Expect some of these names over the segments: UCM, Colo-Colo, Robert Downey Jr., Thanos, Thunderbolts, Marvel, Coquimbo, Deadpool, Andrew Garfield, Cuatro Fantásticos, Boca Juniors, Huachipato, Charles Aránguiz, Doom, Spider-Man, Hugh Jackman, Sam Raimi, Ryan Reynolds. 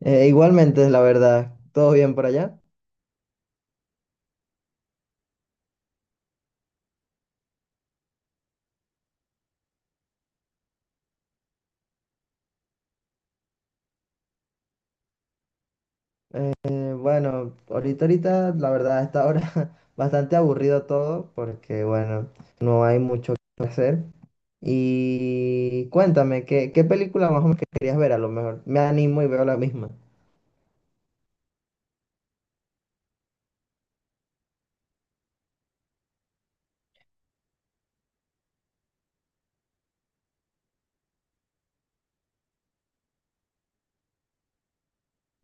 Igualmente, la verdad, todo bien por allá. Bueno, ahorita, la verdad, a esta hora bastante aburrido todo porque, bueno, no hay mucho que hacer. Y cuéntame, ¿qué película más o menos que querías ver? A lo mejor me animo y veo la misma.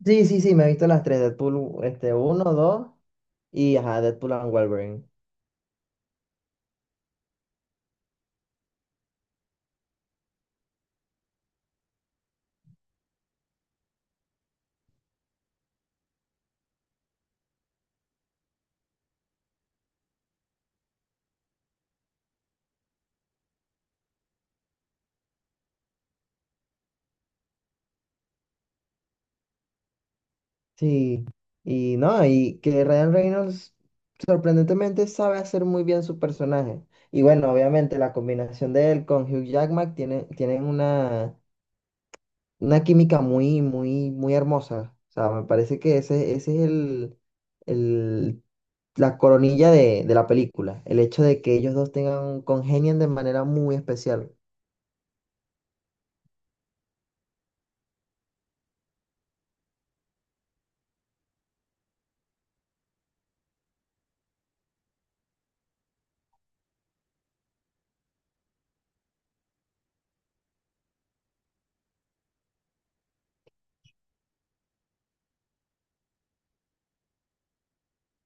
Sí, sí, sí, me he visto las tres, Deadpool, este, uno, dos y, ajá, Deadpool and Wolverine. Sí, y no, y que Ryan Reynolds sorprendentemente sabe hacer muy bien su personaje. Y bueno, obviamente la combinación de él con Hugh Jackman tienen una química muy, muy, muy hermosa. O sea, me parece que ese es el- la coronilla de la película, el hecho de que ellos dos tengan, congenien de manera muy especial.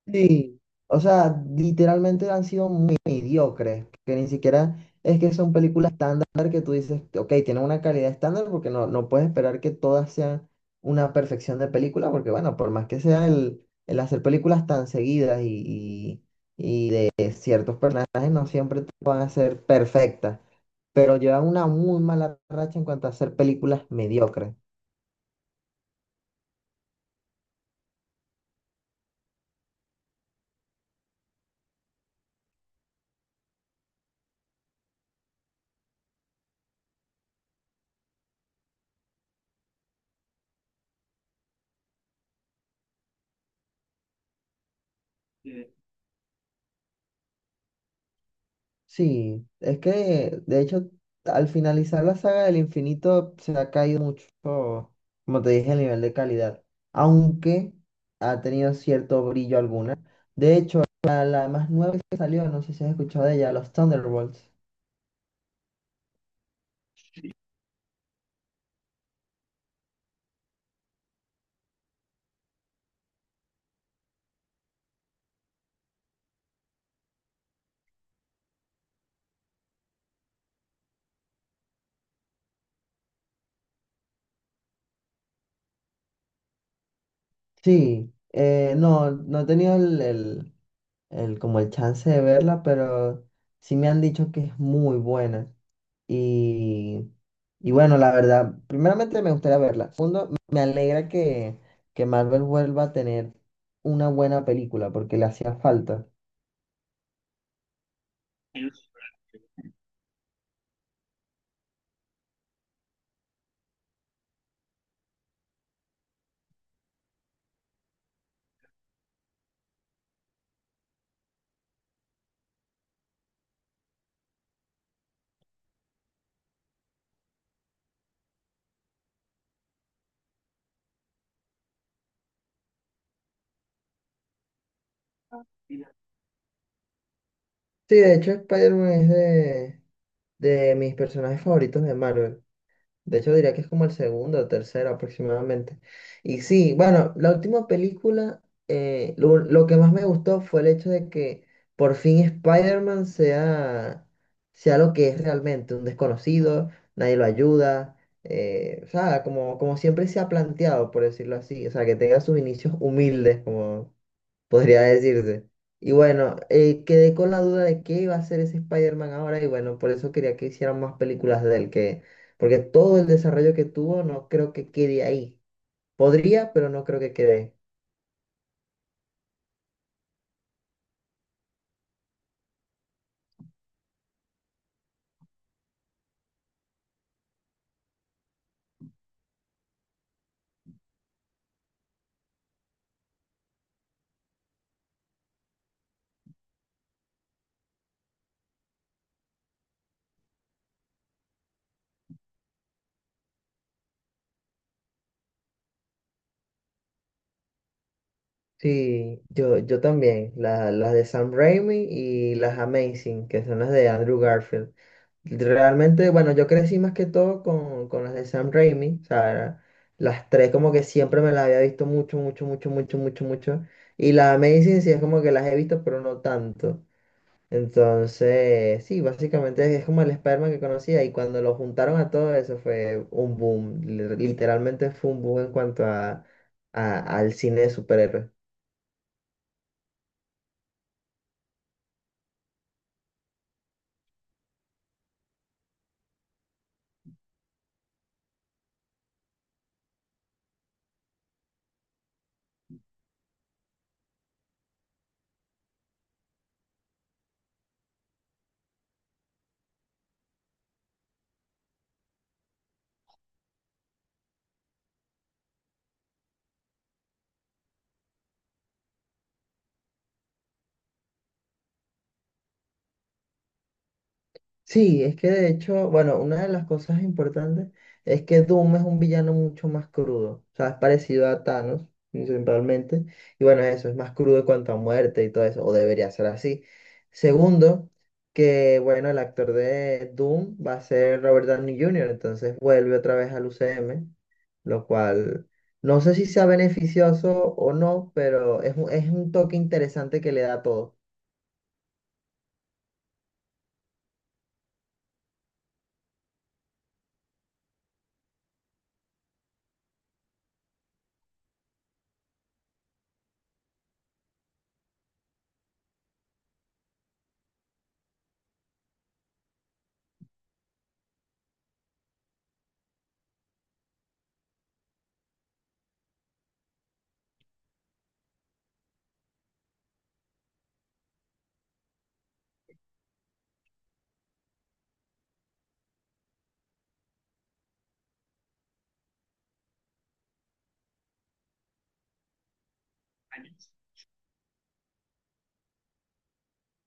Sí, o sea, literalmente han sido muy mediocres, que ni siquiera es que son películas estándar que tú dices, ok, tienen una calidad estándar porque no puedes esperar que todas sean una perfección de película, porque bueno, por más que sea el hacer películas tan seguidas y de ciertos personajes, no siempre te van a ser perfectas, pero llevan una muy mala racha en cuanto a hacer películas mediocres. Sí, es que de hecho al finalizar la saga del infinito se ha caído mucho, como te dije, el nivel de calidad, aunque ha tenido cierto brillo alguna. De hecho, la más nueva que salió, no sé si has escuchado de ella, los Thunderbolts. Sí, no, no he tenido como el chance de verla, pero sí me han dicho que es muy buena. Y, y bueno, la verdad, primeramente me gustaría verla. Segundo, me alegra que Marvel vuelva a tener una buena película porque le hacía falta. Sí, de hecho, Spider-Man es de mis personajes favoritos de Marvel. De hecho, diría que es como el segundo o tercero aproximadamente. Y sí, bueno, la última película, lo que más me gustó fue el hecho de que por fin Spider-Man sea lo que es realmente, un desconocido, nadie lo ayuda, o sea, como siempre se ha planteado, por decirlo así, o sea, que tenga sus inicios humildes, podría decirse. Y bueno, quedé con la duda de qué iba a hacer ese Spider-Man ahora y bueno, por eso quería que hicieran más películas de él, porque todo el desarrollo que tuvo no creo que quede ahí. Podría, pero no creo que quede. Sí, yo también, las de Sam Raimi y las Amazing, que son las de Andrew Garfield. Realmente, bueno, yo crecí más que todo con las de Sam Raimi, o sea, las tres como que siempre me las había visto mucho, mucho, mucho, mucho, mucho, mucho. Y las Amazing sí es como que las he visto, pero no tanto. Entonces, sí, básicamente es como el Spider-Man que conocía y cuando lo juntaron a todo eso fue un boom. Literalmente fue un boom en cuanto a, al cine de superhéroes. Sí, es que de hecho, bueno, una de las cosas importantes es que Doom es un villano mucho más crudo, o sea, es parecido a Thanos principalmente, y bueno, eso es más crudo en cuanto a muerte y todo eso, o debería ser así. Segundo, que bueno, el actor de Doom va a ser Robert Downey Jr., entonces vuelve otra vez al UCM, lo cual no sé si sea beneficioso o no, pero es un toque interesante que le da a todo.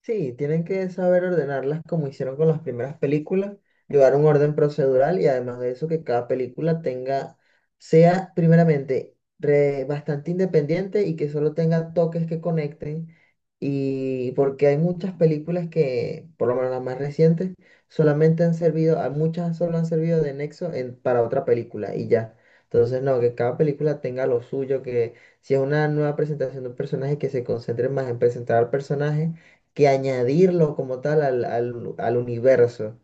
Sí, tienen que saber ordenarlas como hicieron con las primeras películas, llevar un orden procedural y además de eso que cada película tenga, sea primeramente bastante independiente y que solo tenga toques que conecten y porque hay muchas películas que, por lo menos las más recientes, solamente han servido, a muchas solo han servido de nexo para otra película y ya. Entonces, no, que cada película tenga lo suyo, que si es una nueva presentación de un personaje, que se concentre más en presentar al personaje que añadirlo como tal al, al, al universo.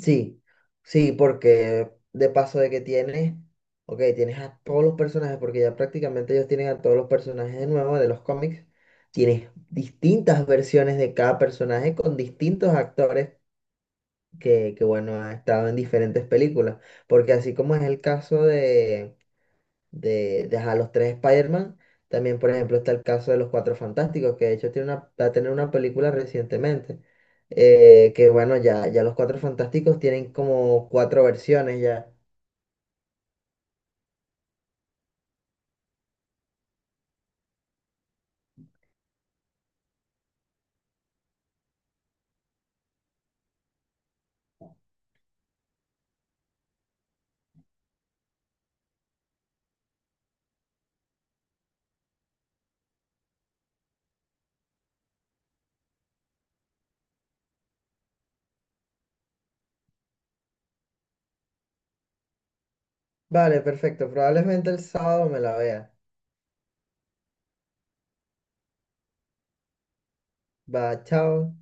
Sí, sí, porque de paso de que tienes, ok, tienes a todos los personajes, porque ya prácticamente ellos tienen a todos los personajes de nuevo de los cómics, tienes distintas versiones de cada personaje con distintos actores que bueno, han estado en diferentes películas, porque así como es el caso de ajá, los tres Spider-Man. También, por ejemplo, está el caso de los Cuatro Fantásticos, que de hecho tiene una, va a tener una película recientemente. Que bueno, ya los Cuatro Fantásticos tienen como cuatro versiones ya. Vale, perfecto. Probablemente el sábado me la vea. Va, chao.